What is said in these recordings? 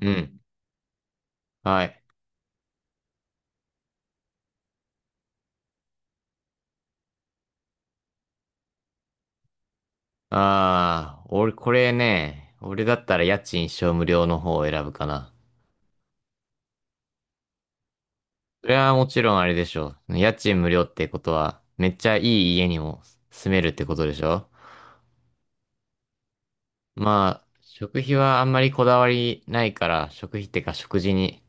うん。はい。ああ、俺、これね、俺だったら家賃一生無料の方を選ぶかな。それはもちろんあれでしょう。家賃無料ってことは、めっちゃいい家にも住めるってことでしょ。まあ、食費はあんまりこだわりないから、食費ってか食事に。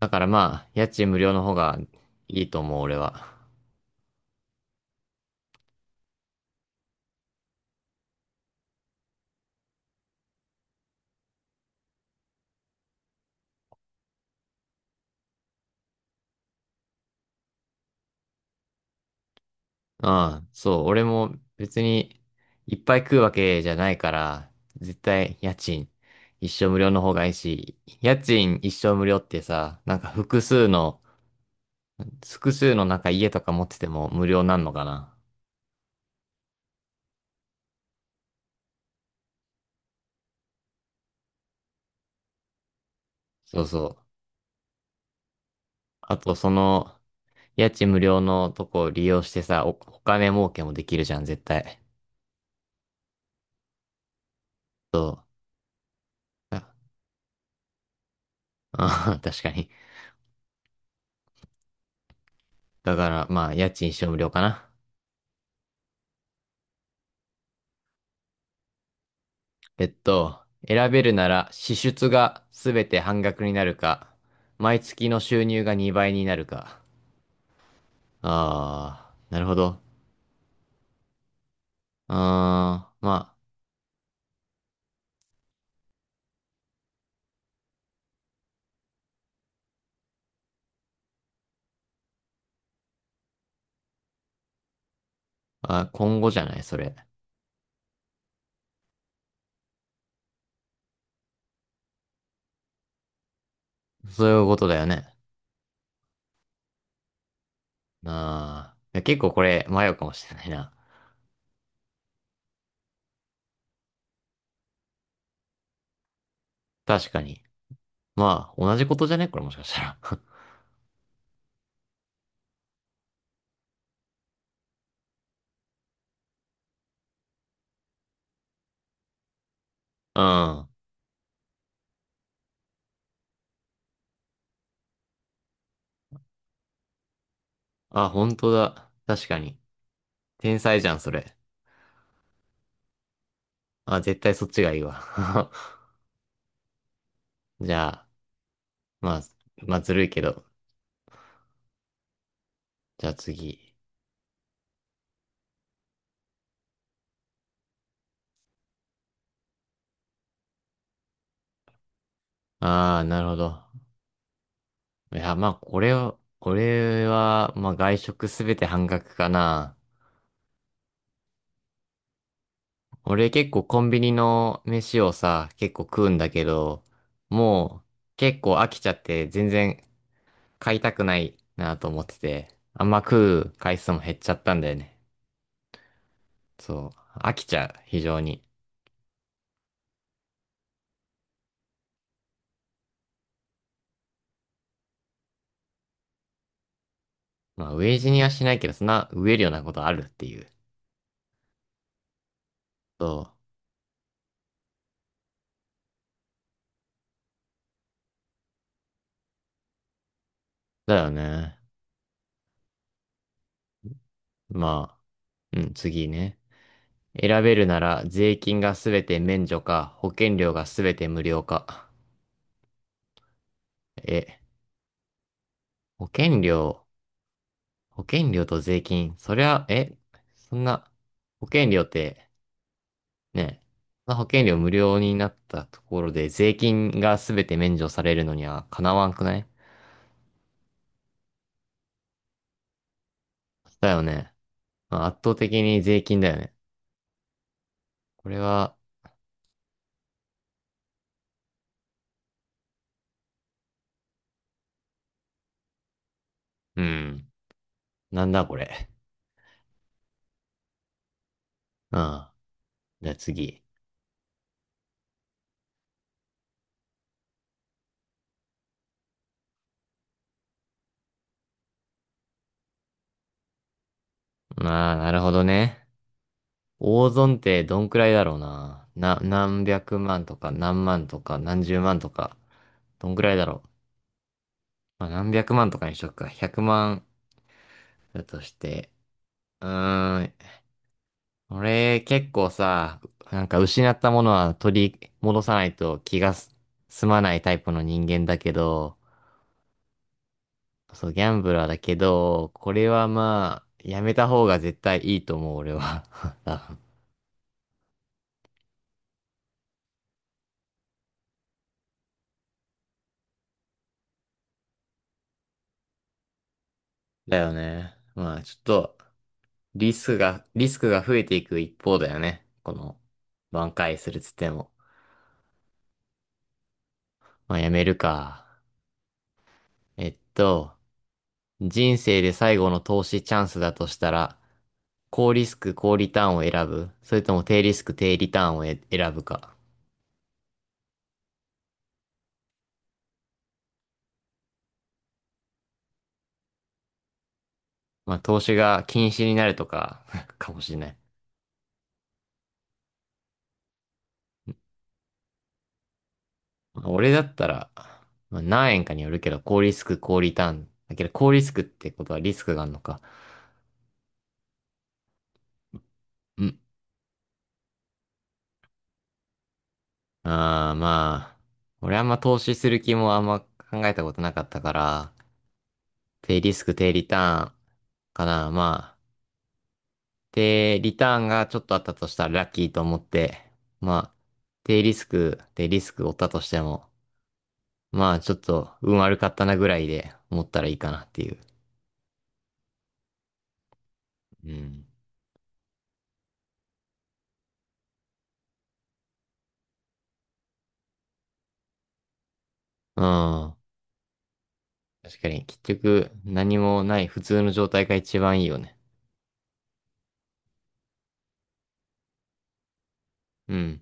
だからまあ、家賃無料の方がいいと思う、俺は。ああ、そう、俺も別にいっぱい食うわけじゃないから、絶対家賃一生無料の方がいいし、家賃一生無料ってさ、なんか複数の、複数のなんか家とか持ってても無料なんのかな。そうそう。あとその家賃無料のとこを利用してさ、お金儲けもできるじゃん、絶対。そう。あ、確かに。だからまあ家賃一生無料かな。えっと、選べるなら支出がすべて半額になるか、毎月の収入が2倍になるか。あー、なるほど。あー、まあ、あ、今後じゃない、それ。そういうことだよね。あー、いや結構これ迷うかもしれないな。確かに。まあ、同じことじゃねこれもしかしたら。うん。あ、本当だ。確かに。天才じゃん、それ。あ、絶対そっちがいいわ。じゃあ、まあ、まあ、ずるいけど。じゃあ次。ああ、なるほど。いや、まあ、これは、俺は、まあ、外食すべて半額かな。俺結構コンビニの飯をさ、結構食うんだけど、もう結構飽きちゃって全然買いたくないなと思ってて、あんま食う回数も減っちゃったんだよね。そう、飽きちゃう、非常に。まあ、飢え死にはしないけど、そんな飢えるようなことあるっていう。そう、だよね。まあ、うん、次ね。選べるなら税金がすべて免除か、保険料がすべて無料か。え、保険料、保険料と税金、そりゃ、え、そんな、保険料って、ね、そんな保険料無料になったところで税金がすべて免除されるのにはかなわんくない？だよね。まあ圧倒的に税金だよね。これは、うん、なんだこれ。うん。じゃあ次。まあ、なるほどね。大損ってどんくらいだろうな。何百万とか何万とか何十万とか、どんくらいだろう。まあ、何百万とかにしとくか。100万だとして。うーん。俺結構さ、なんか失ったものは取り戻さないと気がす済まないタイプの人間だけど、そう、ギャンブラーだけど、これはまあ、やめた方が絶対いいと思う、俺は。多分だよね。まあ、ちょっと、リスクが増えていく一方だよね。この、挽回するっつっても。まあ、やめるか。えっと、人生で最後の投資チャンスだとしたら、高リスク、高リターンを選ぶ、それとも低リスク、低リターンを選ぶか。まあ、投資が禁止になるとか、かもしれない。まあ俺だったら、まあ、何円かによるけど、高リスク、高リターン。だけど、高リスクってことはリスクがあるのか。うん。ああ、まあ、俺あんま投資する気もあんま考えたことなかったから、低リスク低リターンかな。まあ、低リターンがちょっとあったとしたらラッキーと思って、まあ、低リスク、低リスク負ったとしても、まあちょっと運悪かったなぐらいで思ったらいいかなっていう。うん。うん。確かに、結局何もない普通の状態が一番いいよね。うん。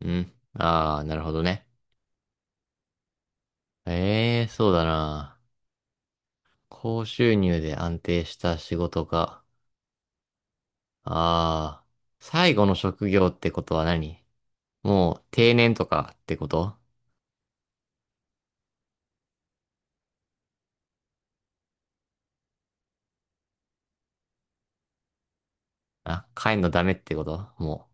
うん。ああ、なるほどね。ええ、そうだな。高収入で安定した仕事か。ああ、最後の職業ってことは何？もう定年とかってこと？あ、帰んのダメってこと？も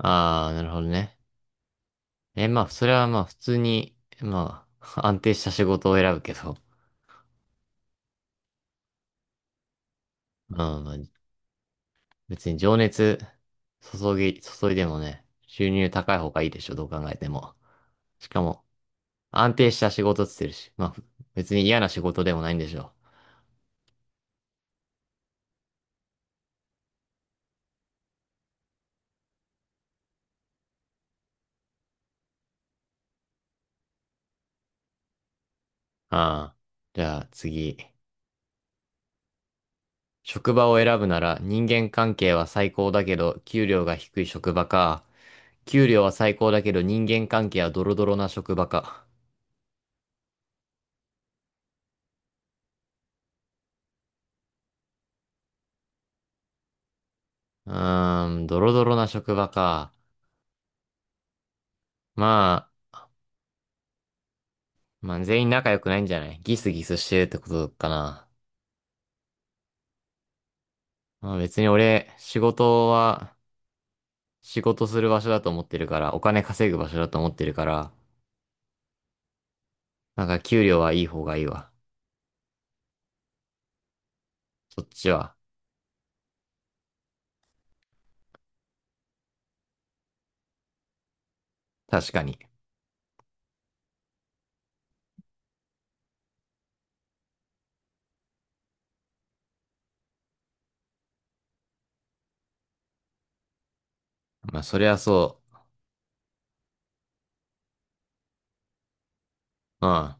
う。ああ、なるほどね。え、まあ、それはまあ普通に、まあ、安定した仕事を選ぶけど。うん、まあ別に情熱注いでもね、収入高い方がいいでしょ、どう考えても。しかも、安定した仕事っつってるし、まあ、別に嫌な仕事でもないんでしょ。ああ。じゃあ次。職場を選ぶなら人間関係は最高だけど給料が低い職場か。給料は最高だけど人間関係はドロドロな職場か。うーん、ドロドロな職場か。まあ、まあ全員仲良くないんじゃない？ギスギスしてるってことかな。まあ別に俺、仕事は、仕事する場所だと思ってるから、お金稼ぐ場所だと思ってるから、なんか給料はいい方がいいわ。そっちは。確かに。まあそりゃそう。うん。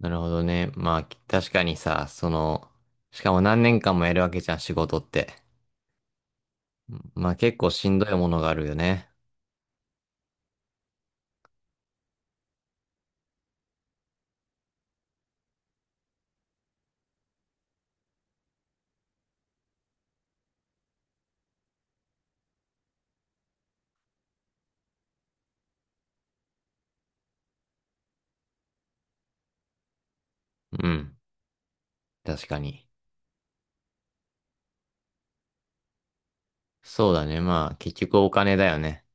なるほどね。まあ、確かにさ、その、しかも何年間もやるわけじゃん、仕事って。まあ結構しんどいものがあるよね。うん。確かに。そうだね。まあ結局お金だよね。